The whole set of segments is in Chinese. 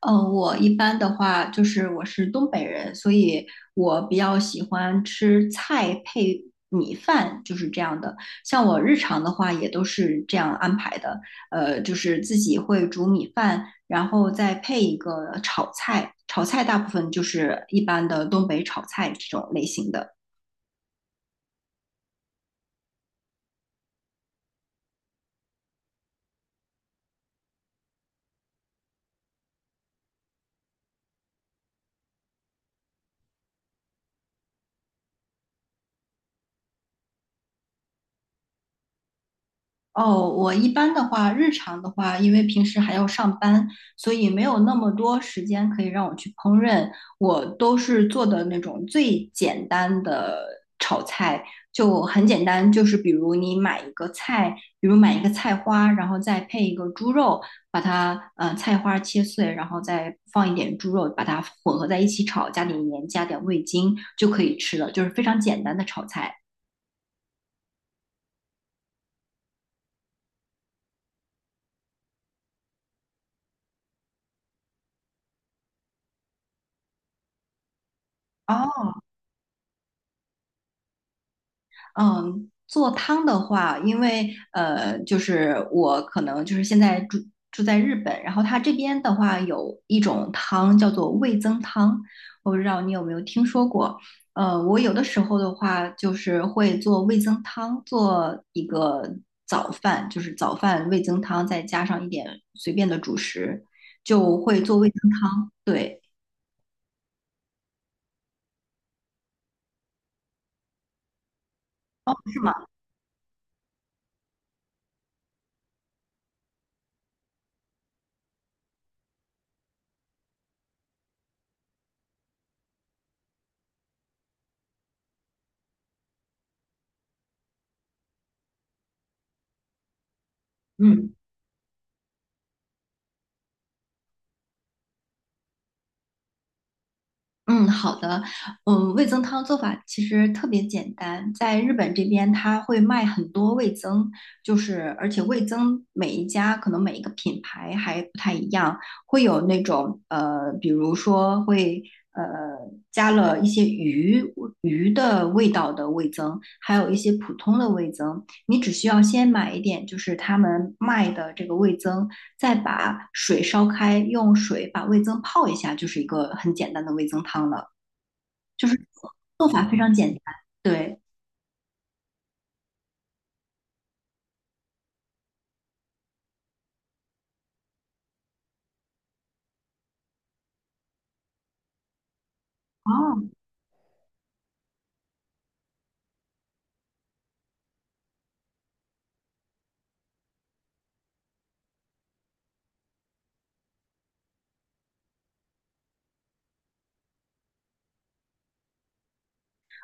嗯，我一般的话我是东北人，所以我比较喜欢吃菜配米饭，就是这样的。像我日常的话也都是这样安排的，就是自己会煮米饭，然后再配一个炒菜，炒菜大部分就是一般的东北炒菜这种类型的。哦，我一般的话，日常的话，因为平时还要上班，所以没有那么多时间可以让我去烹饪。我都是做的那种最简单的炒菜，就很简单，就是比如你买一个菜，比如买一个菜花，然后再配一个猪肉，把它菜花切碎，然后再放一点猪肉，把它混合在一起炒，加点盐，加点味精就可以吃了，就是非常简单的炒菜。哦。嗯，做汤的话，因为就是我可能就是现在住在日本，然后它这边的话有一种汤叫做味增汤，我不知道你有没有听说过。呃，我有的时候的话就是会做味增汤，做一个早饭，就是早饭味增汤，再加上一点随便的主食，就会做味增汤。对，是吗？嗯。嗯，好的。嗯，味增汤做法其实特别简单，在日本这边它会卖很多味增，就是而且味增每一家可能每一个品牌还不太一样，会有那种比如说会呃加了一些鱼的味道的味增，还有一些普通的味增。你只需要先买一点，就是他们卖的这个味增，再把水烧开，用水把味增泡一下，就是一个很简单的味增汤了。就是做法非常简单。对，哦，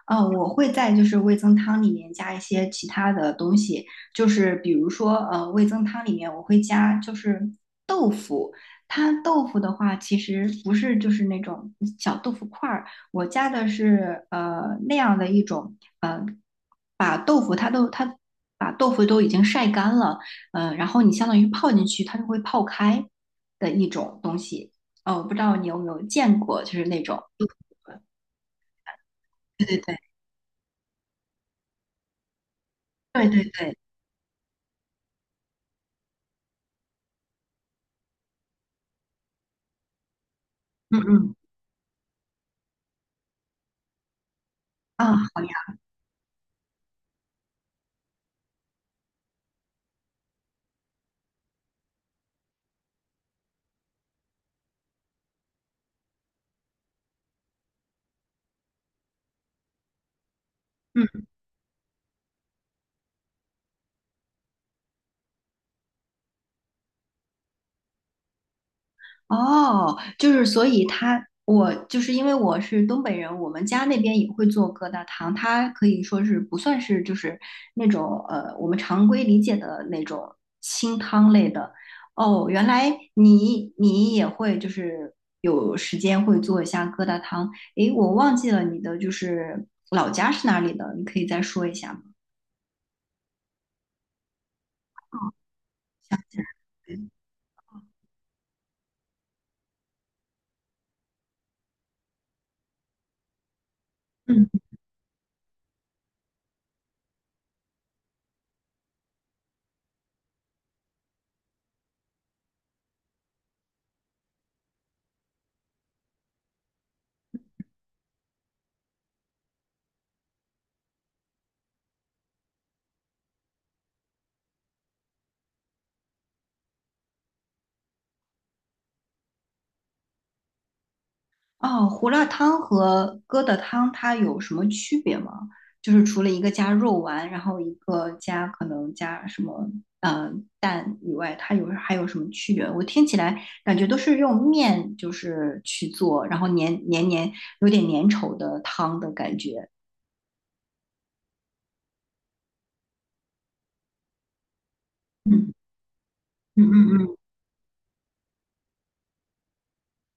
哦，我会在就是味增汤里面加一些其他的东西，就是比如说，味增汤里面我会加就是豆腐，它豆腐的话其实不是就是那种小豆腐块儿，我加的是那样的一种，把豆腐它都它把豆腐都已经晒干了，然后你相当于泡进去，它就会泡开的一种东西，我不知道你有没有见过，就是那种，对对对。对对对，嗯嗯，啊，好呀，嗯，哦，就是所以他我就是因为我是东北人，我们家那边也会做疙瘩汤，它可以说是不算是就是那种我们常规理解的那种清汤类的。哦，原来你也会就是有时间会做一下疙瘩汤，诶，我忘记了你的就是老家是哪里的，你可以再说一下吗？嗯，哦，胡辣汤和疙瘩汤它有什么区别吗？就是除了一个加肉丸，然后一个加可能加什么呃蛋以外，它有还有什么区别？我听起来感觉都是用面就是去做，然后黏有点粘稠的汤的感觉。嗯嗯嗯嗯。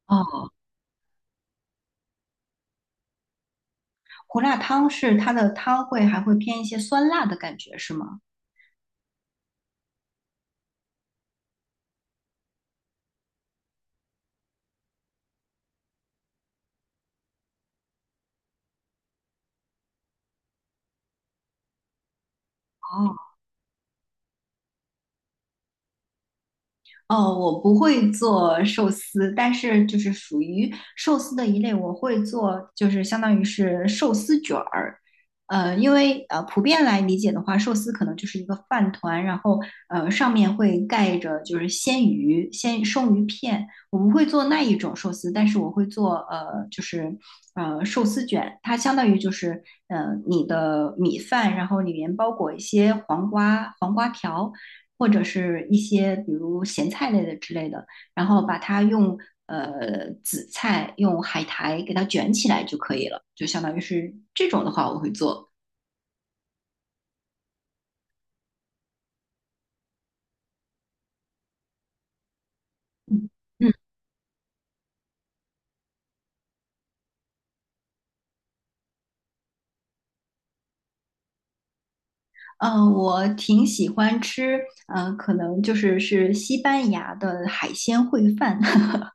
哦，胡辣汤是它的汤会还会偏一些酸辣的感觉是吗？哦。哦，我不会做寿司，但是就是属于寿司的一类，我会做，就是相当于是寿司卷儿。因为普遍来理解的话，寿司可能就是一个饭团，然后上面会盖着就是鲜鱼、鲜生鱼片。我不会做那一种寿司，但是我会做就是寿司卷，它相当于就是你的米饭，然后里面包裹一些黄瓜、黄瓜条。或者是一些比如咸菜类的之类的，然后把它用紫菜用海苔给它卷起来就可以了，就相当于是这种的话我会做。嗯嗯，我挺喜欢吃，可能是西班牙的海鲜烩饭，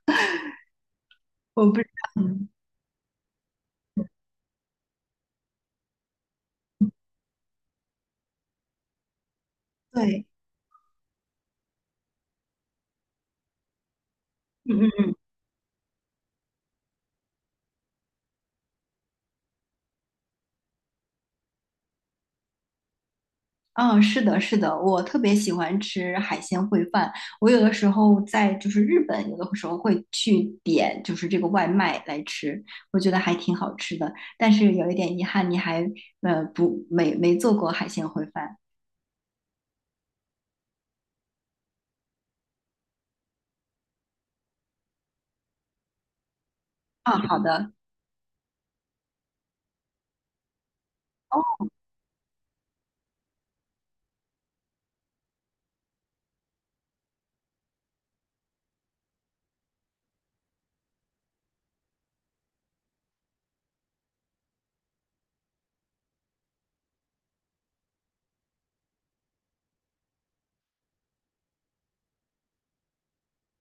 我不知道，嗯，对，嗯嗯，是的，是的，我特别喜欢吃海鲜烩饭。我有的时候在就是日本，有的时候会去点就是这个外卖来吃，我觉得还挺好吃的。但是有一点遗憾，你还不没没做过海鲜烩饭啊？好的，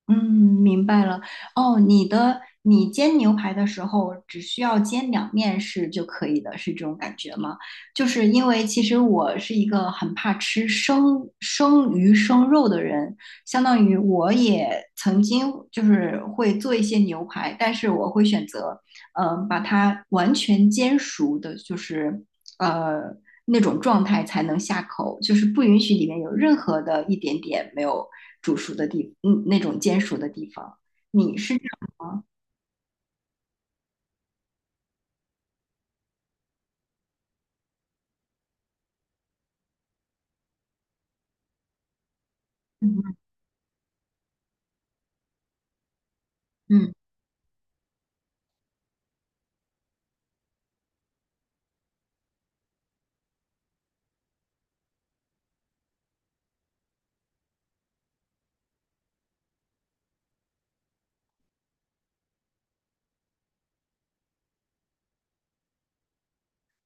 嗯，明白了。哦，你煎牛排的时候只需要煎两面是就可以的，是这种感觉吗？就是因为其实我是一个很怕吃生鱼生肉的人，相当于我也曾经就是会做一些牛排，但是我会选择把它完全煎熟的，就是呃那种状态才能下口，就是不允许里面有任何的一点点没有煮熟的地，嗯，那种煎熟的地方。嗯嗯，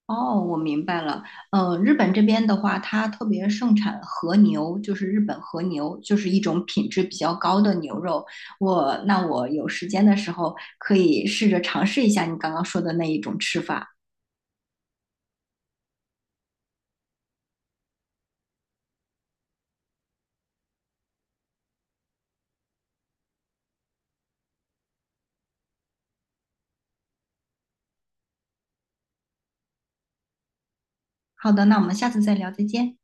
哦，我明白了。日本这边的话，它特别盛产和牛，就是日本和牛，就是一种品质比较高的牛肉。我，那我有时间的时候可以试着尝试一下你刚刚说的那一种吃法。好的，那我们下次再聊，再见。